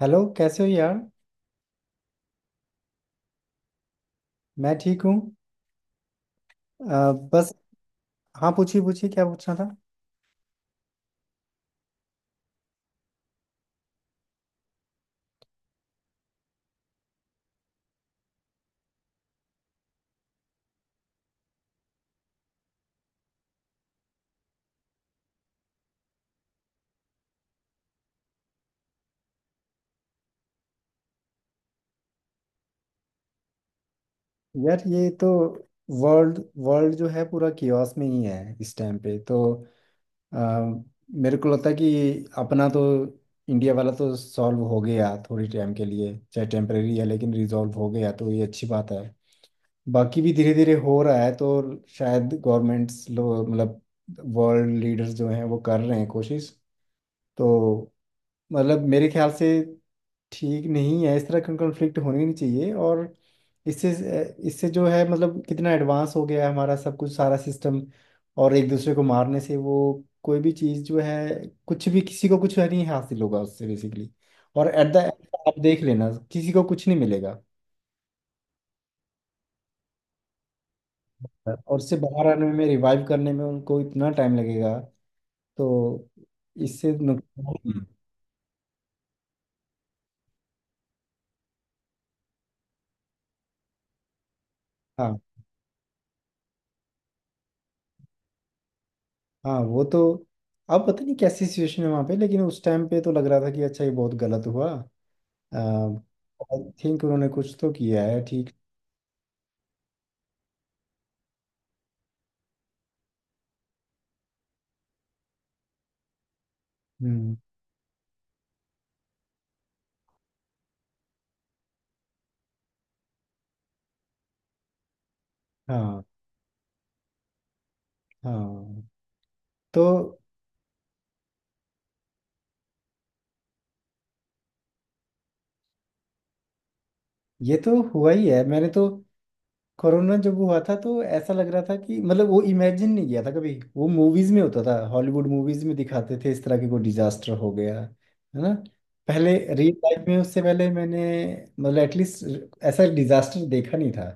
Hello कैसे हो यार। मैं ठीक हूँ। बस। हाँ पूछिए पूछिए क्या पूछना था। यार ये तो वर्ल्ड वर्ल्ड जो है पूरा कियोस में ही है इस टाइम पे तो अ, मेरे को लगता है कि अपना तो इंडिया वाला तो सॉल्व हो गया थोड़ी टाइम के लिए, चाहे टेम्परेरी है लेकिन रिजॉल्व हो गया, तो ये अच्छी बात है। बाकी भी धीरे धीरे हो रहा है, तो शायद गवर्नमेंट्स लोग मतलब वर्ल्ड लीडर्स जो हैं वो कर रहे हैं कोशिश, तो मतलब मेरे ख्याल से ठीक नहीं है, इस तरह का कॉन्फ्लिक्ट होने नहीं चाहिए। और इससे इससे जो है मतलब कितना एडवांस हो गया है हमारा सब कुछ सारा सिस्टम, और एक दूसरे को मारने से वो कोई भी चीज़ जो है कुछ भी किसी को कुछ नहीं हासिल होगा उससे बेसिकली। और एट द एंड आप देख लेना किसी को कुछ नहीं मिलेगा। और उससे बाहर आने में, रिवाइव करने में, उनको इतना टाइम लगेगा, तो इससे नुकसान। हाँ हाँ। वो तो अब पता नहीं कैसी सिचुएशन है वहाँ पे, लेकिन उस टाइम पे तो लग रहा था कि अच्छा ये बहुत गलत हुआ। आई थिंक उन्होंने कुछ तो किया है ठीक। हम्म। हाँ हाँ। तो ये तो हुआ ही है। मैंने तो कोरोना जब हुआ था तो ऐसा लग रहा था कि मतलब वो इमेजिन नहीं किया था। कभी वो मूवीज में होता था, हॉलीवुड मूवीज में दिखाते थे इस तरह के, कोई डिजास्टर हो गया है ना। पहले रियल लाइफ में उससे पहले मैंने मतलब एटलीस्ट ऐसा डिजास्टर देखा नहीं था।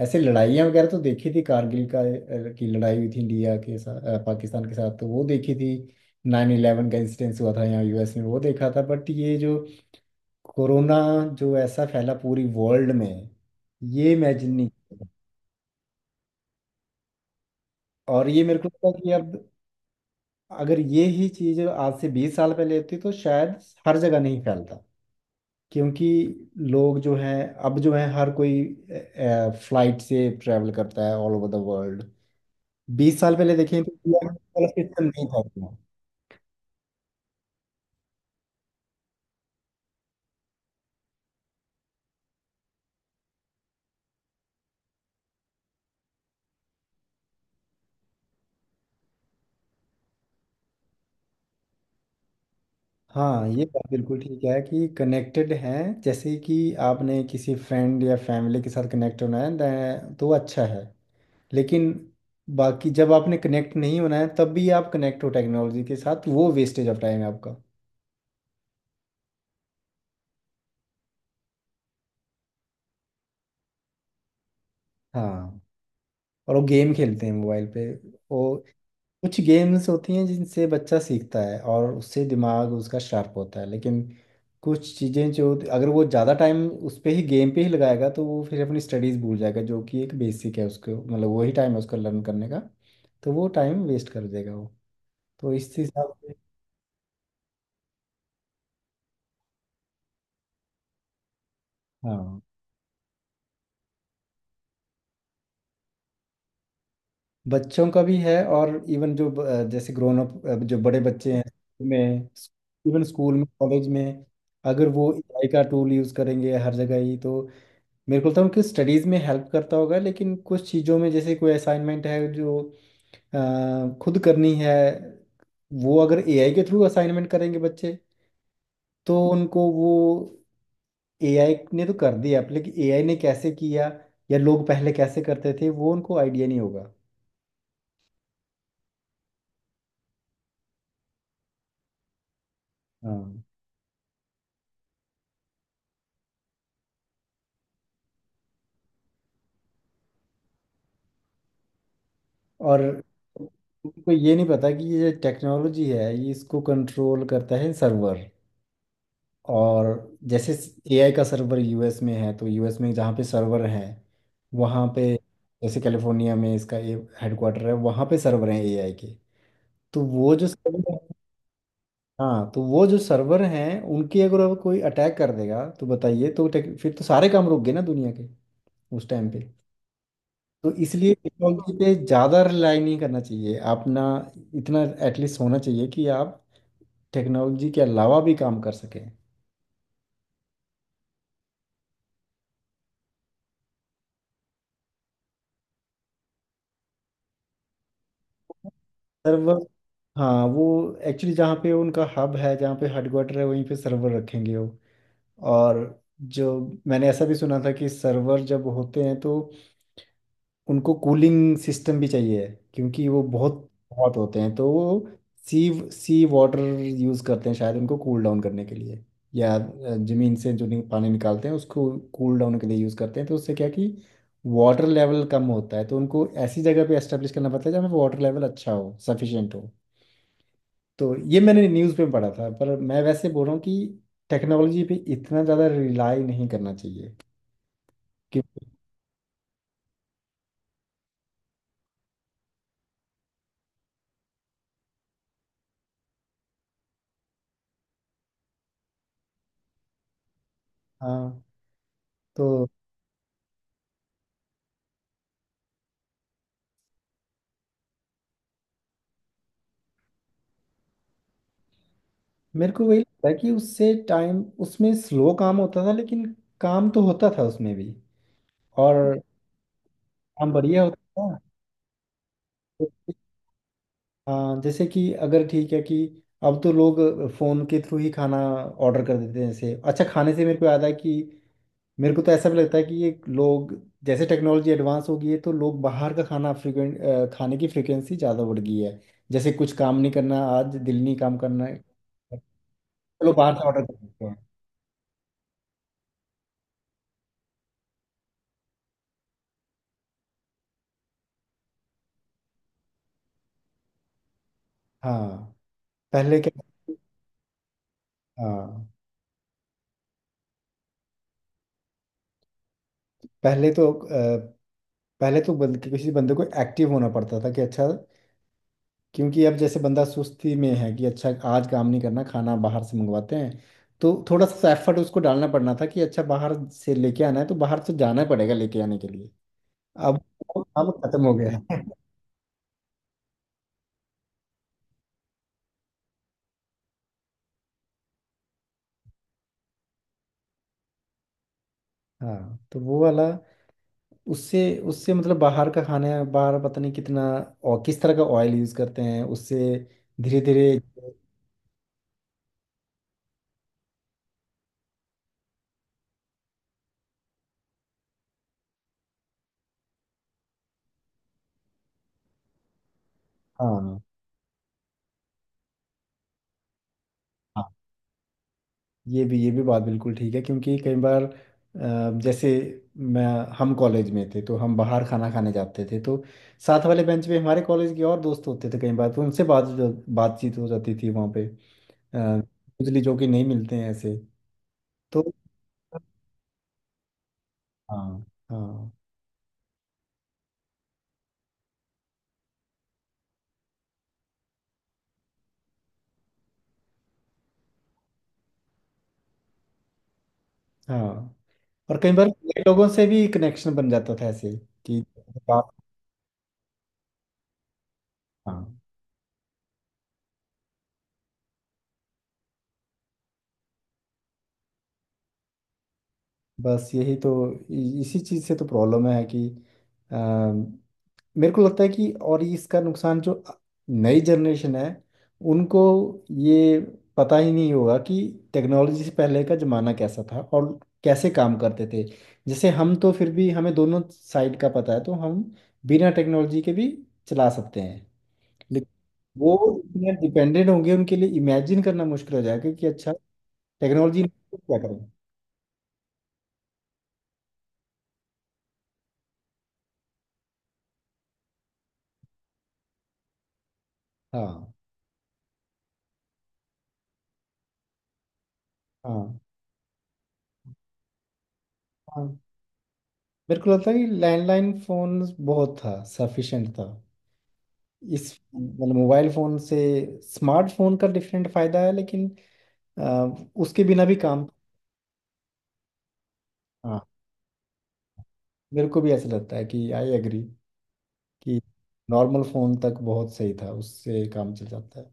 ऐसे लड़ाइयाँ वगैरह तो देखी थी, कारगिल का की लड़ाई हुई थी इंडिया के साथ पाकिस्तान के साथ, तो वो देखी थी। 9/11 का इंसिडेंस हुआ था यहाँ यूएस में, वो देखा था, बट ये जो कोरोना जो ऐसा फैला पूरी वर्ल्ड में ये इमेजिन नहीं किया था। और ये मेरे को लगता है कि अब अगर ये ही चीज़ आज से 20 साल पहले होती तो शायद हर जगह नहीं फैलता, क्योंकि लोग जो हैं अब जो हैं हर कोई फ्लाइट से ट्रैवल करता है ऑल ओवर द वर्ल्ड। 20 साल पहले देखें तो वाला सिस्टम नहीं था उतना। हाँ ये बात बिल्कुल ठीक है कि कनेक्टेड हैं। जैसे कि आपने किसी फ्रेंड या फैमिली के साथ कनेक्ट होना है तो अच्छा है, लेकिन बाकी जब आपने कनेक्ट नहीं होना है तब भी आप कनेक्ट हो टेक्नोलॉजी के साथ, वो वेस्टेज ऑफ टाइम है आपका। हाँ। और वो गेम खेलते हैं मोबाइल पे। वो कुछ गेम्स होती हैं जिनसे बच्चा सीखता है और उससे दिमाग उसका शार्प होता है, लेकिन कुछ चीज़ें जो, अगर वो ज़्यादा टाइम उस पे ही गेम पे ही लगाएगा तो वो फिर अपनी स्टडीज़ भूल जाएगा, जो कि एक बेसिक है उसको, मतलब वही टाइम है उसको लर्न करने का। तो वो टाइम वेस्ट कर देगा वो। तो इस हिसाब से। हाँ। बच्चों का भी है और इवन जो जैसे ग्रोन अप जो बड़े बच्चे हैं में। इवन स्कूल में, कॉलेज में अगर वो एआई का टूल यूज़ करेंगे हर जगह ही, तो मेरे को तो उनकी स्टडीज़ में हेल्प करता होगा, लेकिन कुछ चीज़ों में जैसे कोई असाइनमेंट है जो खुद करनी है, वो अगर एआई के थ्रू असाइनमेंट करेंगे बच्चे, तो उनको वो एआई ने तो कर दिया अब, लेकिन एआई ने कैसे किया या लोग पहले कैसे करते थे वो उनको आइडिया नहीं होगा। हाँ। और उनको ये नहीं पता कि ये टेक्नोलॉजी है, ये इसको कंट्रोल करता है सर्वर। और जैसे एआई का सर्वर यूएस में है, तो यूएस में जहाँ पे सर्वर है वहाँ पे, जैसे कैलिफोर्निया में इसका हेडक्वार्टर है, वहाँ पे सर्वर हैं एआई के। तो वो जो सर्वर, हाँ, तो वो जो सर्वर हैं उनकी अगर अब कोई अटैक कर देगा तो बताइए, तो फिर तो सारे काम रुक गए ना दुनिया के, उस टाइम पे। तो इसलिए टेक्नोलॉजी पे ज़्यादा रिलाई नहीं करना चाहिए आप ना। इतना एटलीस्ट होना चाहिए कि आप टेक्नोलॉजी के अलावा भी काम कर सकें। हाँ। वो एक्चुअली जहाँ पे उनका हब है, जहाँ पे हेडक्वार्टर है वहीं पे सर्वर रखेंगे वो। और जो, मैंने ऐसा भी सुना था कि सर्वर जब होते हैं तो उनको कूलिंग सिस्टम भी चाहिए, क्योंकि वो बहुत बहुत होते हैं, तो वो सी सी वाटर यूज़ करते हैं शायद उनको कूल डाउन करने के लिए, या ज़मीन से जो पानी निकालते हैं उसको कूल डाउन के लिए यूज़ करते हैं। तो उससे क्या कि वाटर लेवल कम होता है, तो उनको ऐसी जगह पे एस्टेब्लिश करना पड़ता है जहाँ पे वाटर लेवल अच्छा हो, सफिशिएंट हो। तो ये मैंने न्यूज़ में पढ़ा था, पर मैं वैसे बोल रहा हूँ कि टेक्नोलॉजी पे इतना ज़्यादा रिलाई नहीं करना चाहिए, क्योंकि। हाँ तो मेरे को वही लगता है कि उससे टाइम उसमें स्लो काम होता था, लेकिन काम तो होता था उसमें भी। और काम बढ़िया होता था। हाँ जैसे कि अगर ठीक है कि अब तो लोग फ़ोन के थ्रू ही खाना ऑर्डर कर देते हैं। जैसे अच्छा खाने से मेरे को याद है कि मेरे को तो ऐसा भी लगता है कि ये लोग जैसे टेक्नोलॉजी एडवांस हो गई है, तो लोग बाहर का खाना फ्रिक्वेंट, खाने की फ्रिक्वेंसी ज़्यादा बढ़ गई है। जैसे कुछ काम नहीं करना आज, दिल नहीं काम करना है, चलो बाहर से ऑर्डर कर लेते हैं। हाँ पहले क्या। हाँ पहले तो पहले तो किसी बंदे को एक्टिव होना पड़ता था कि अच्छा, क्योंकि अब जैसे बंदा सुस्ती में है कि अच्छा आज काम नहीं करना, खाना बाहर से मंगवाते हैं। तो थोड़ा सा एफर्ट उसको डालना पड़ना था कि अच्छा बाहर से लेके आना है तो बाहर से जाना पड़ेगा लेके आने के लिए। अब वो काम खत्म हो गया है हाँ तो वो वाला उससे उससे मतलब बाहर का खाना है, बाहर पता नहीं कितना और किस तरह का ऑयल यूज करते हैं उससे धीरे धीरे। हाँ हाँ। ये भी बात बिल्कुल ठीक है, क्योंकि कई बार जैसे मैं हम कॉलेज में थे तो हम बाहर खाना खाने जाते थे, तो साथ वाले बेंच पे हमारे कॉलेज के और दोस्त होते थे कई बार, तो उनसे बात बातचीत हो जाती थी वहाँ पे। अ, उजली जो कि नहीं मिलते हैं ऐसे। तो हाँ। हाँ। हाँ। और कई बार नए लोगों से भी कनेक्शन बन जाता था ऐसे। कि बात- हाँ। बस यही तो इसी चीज़ से तो प्रॉब्लम है कि अ, मेरे को लगता है कि, और इसका नुकसान जो नई जनरेशन है उनको ये पता ही नहीं होगा कि टेक्नोलॉजी से पहले का ज़माना कैसा था और कैसे काम करते थे। जैसे हम तो फिर भी हमें दोनों साइड का पता है, तो हम बिना टेक्नोलॉजी के भी चला सकते हैं। वो इतने डिपेंडेंट होंगे, उनके लिए इमेजिन करना मुश्किल हो जाएगा कि अच्छा टेक्नोलॉजी तो क्या करें। हाँ। हाँ। हाँ मेरे को लगता है कि लैंडलाइन फोन बहुत था, सफिशिएंट था। इस मतलब मोबाइल फोन से स्मार्टफोन का डिफरेंट फायदा है, लेकिन आ, उसके बिना भी काम। हाँ मेरे को भी ऐसा लगता है कि आई एग्री कि नॉर्मल फोन तक बहुत सही था, उससे काम चल जाता है।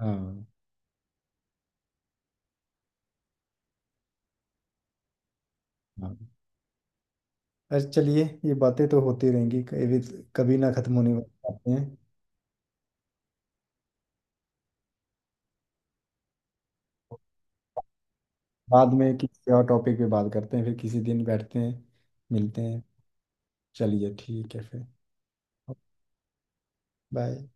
हाँ। हाँ। अच्छा चलिए ये बातें तो होती रहेंगी, कभी कभी ना खत्म होने वाली बातें हैं। बाद में किसी और टॉपिक पे बात करते हैं, फिर किसी दिन बैठते हैं मिलते हैं। चलिए ठीक है फिर। बाय।